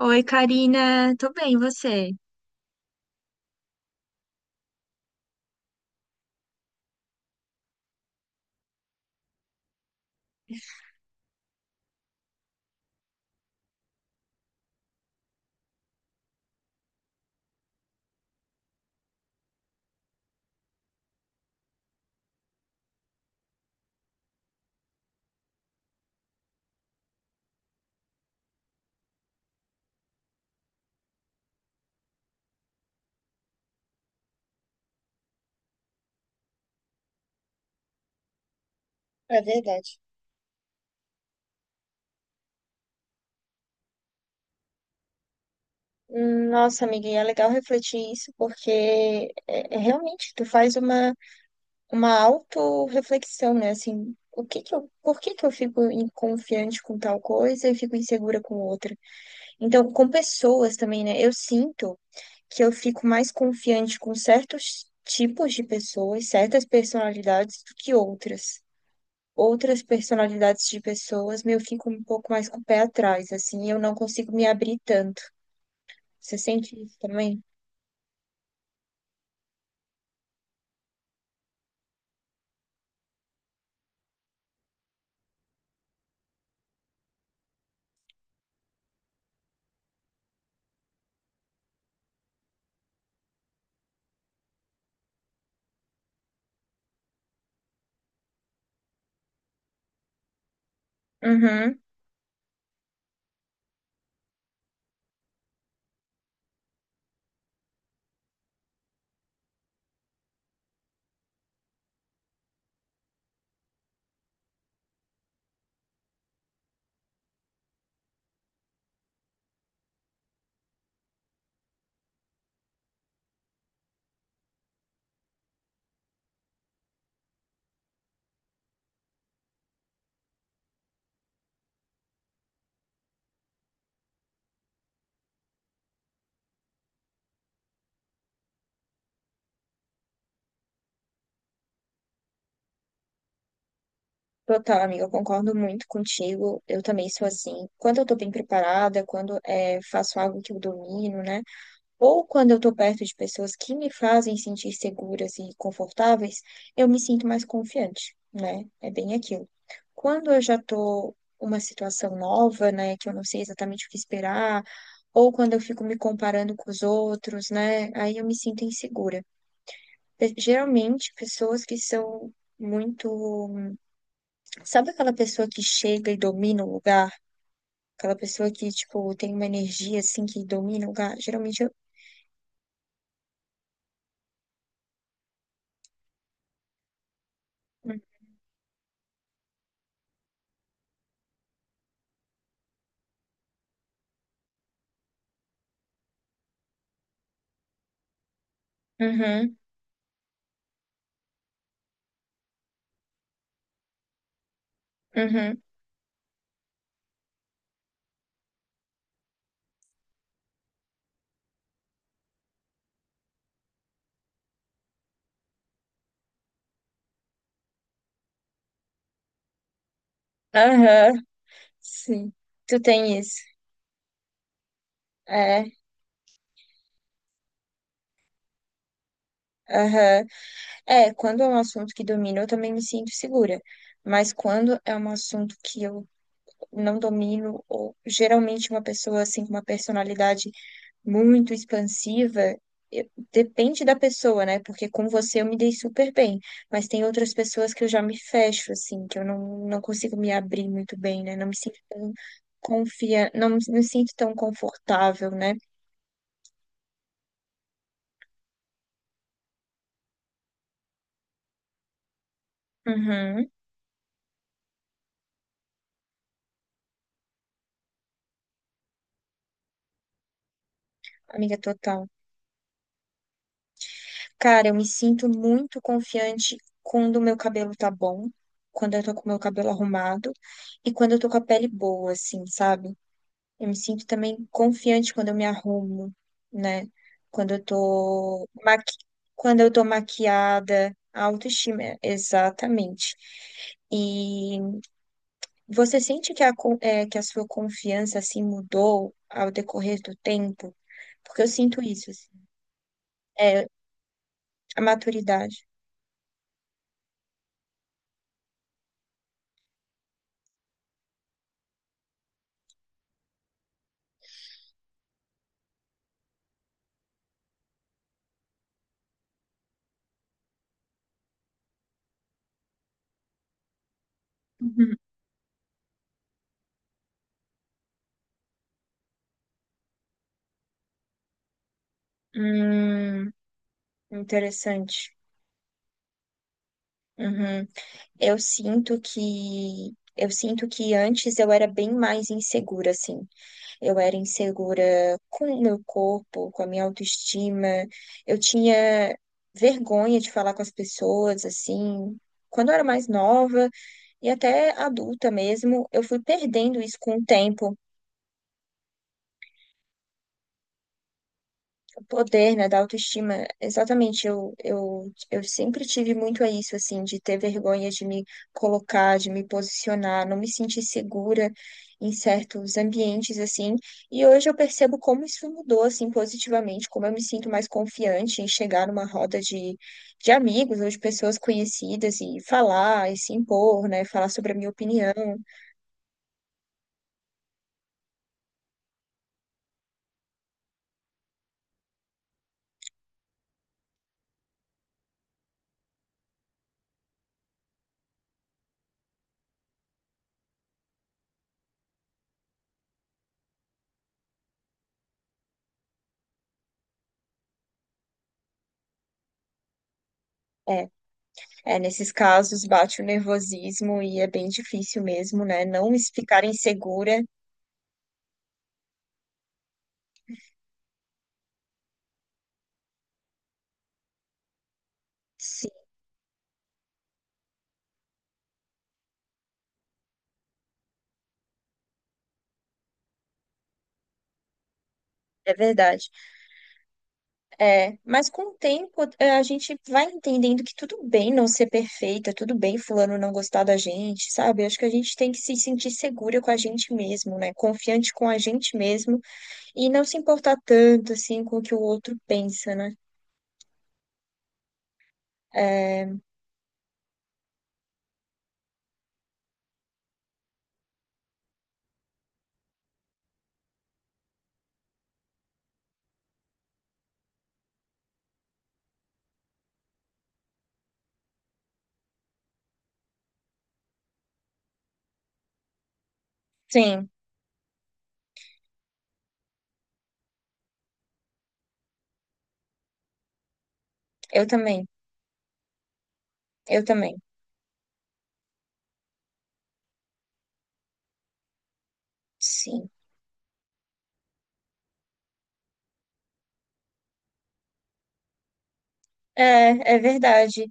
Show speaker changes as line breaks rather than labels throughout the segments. Oi, Karina, tô bem, e você? É verdade. Nossa, amiga, e é legal refletir isso, porque é realmente tu faz uma autorreflexão, né? Assim, o que que eu, por que que eu fico confiante com tal coisa e fico insegura com outra? Então, com pessoas também, né? Eu sinto que eu fico mais confiante com certos tipos de pessoas, certas personalidades do que outras. Outras personalidades de pessoas, meu, eu fico um pouco mais com o pé atrás, assim, eu não consigo me abrir tanto. Você sente isso também? Uhum. Total, amiga, eu concordo muito contigo. Eu também sou assim. Quando eu tô bem preparada, quando é, faço algo que eu domino, né? Ou quando eu estou perto de pessoas que me fazem sentir seguras e confortáveis, eu me sinto mais confiante, né? É bem aquilo. Quando eu já estou uma situação nova, né, que eu não sei exatamente o que esperar, ou quando eu fico me comparando com os outros, né, aí eu me sinto insegura. Geralmente, pessoas que são muito. Sabe aquela pessoa que chega e domina o lugar? Aquela pessoa que, tipo, tem uma energia assim que domina o lugar? Geralmente eu. Hum. Uhum, uhum. Aham, sim. Tu tem isso. É, aham. É, quando é um assunto que domino, eu também me sinto segura. Mas quando é um assunto que eu não domino, ou geralmente uma pessoa assim com uma personalidade muito expansiva, eu- depende da pessoa, né? Porque com você eu me dei super bem, mas tem outras pessoas que eu já me fecho, assim, que eu não consigo me abrir muito bem, né? Não me sinto tão não me sinto tão confortável, né? Uhum. Amiga, total. Cara, eu me sinto muito confiante quando o meu cabelo tá bom, quando eu tô com o meu cabelo arrumado e quando eu tô com a pele boa, assim, sabe? Eu me sinto também confiante quando eu me arrumo, né? Quando eu tô maqui... Quando eu tô maquiada, a autoestima, exatamente. E você sente que é, que a sua confiança, assim, mudou ao decorrer do tempo? Porque eu sinto isso, assim. É, a maturidade. Hum, interessante. Uhum. Eu sinto que antes eu era bem mais insegura, assim. Eu era insegura com o meu corpo, com a minha autoestima. Eu tinha vergonha de falar com as pessoas, assim. Quando eu era mais nova e até adulta mesmo, eu fui perdendo isso com o tempo. O poder, né, da autoestima, exatamente, eu sempre tive muito a isso, assim, de ter vergonha de me colocar, de me posicionar, não me sentir segura em certos ambientes, assim, e hoje eu percebo como isso mudou, assim, positivamente, como eu me sinto mais confiante em chegar numa roda de amigos ou de pessoas conhecidas e falar, e se impor, né, falar sobre a minha opinião, é, é, nesses casos bate o nervosismo e é bem difícil mesmo, né, não me ficar insegura. Sim, é verdade. É, mas com o tempo é, a gente vai entendendo que tudo bem não ser perfeita, tudo bem fulano não gostar da gente, sabe? Acho que a gente tem que se sentir segura com a gente mesmo, né? Confiante com a gente mesmo e não se importar tanto assim com o que o outro pensa, né? É, sim, eu também, eu também, sim. É, é verdade.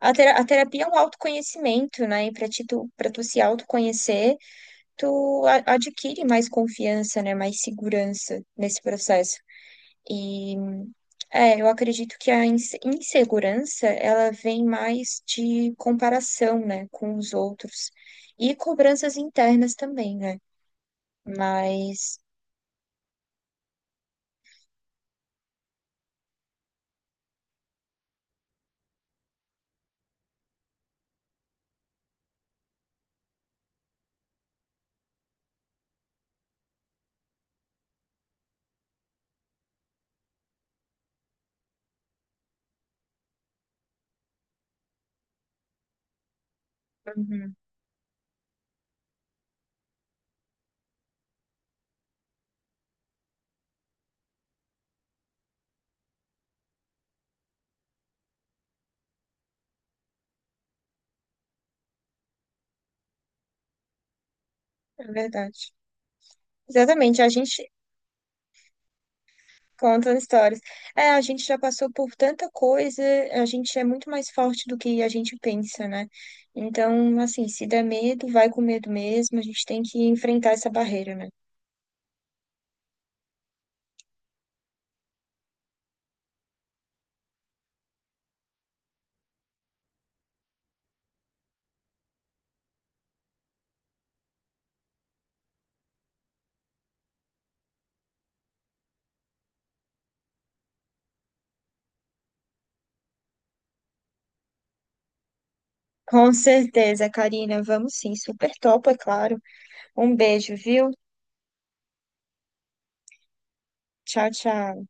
A, a terapia é um autoconhecimento, né? E para ti, tu, para tu se autoconhecer tu adquire mais confiança, né? Mais segurança nesse processo. E é, eu acredito que a insegurança, ela vem mais de comparação, né, com os outros e cobranças internas também, né? Mas, uhum, é verdade. Exatamente, a gente contam histórias. É, a gente já passou por tanta coisa, a gente é muito mais forte do que a gente pensa, né? Então, assim, se der medo, vai com medo mesmo, a gente tem que enfrentar essa barreira, né? Com certeza, Karina, vamos sim, super top, é claro. Um beijo, viu? Tchau, tchau.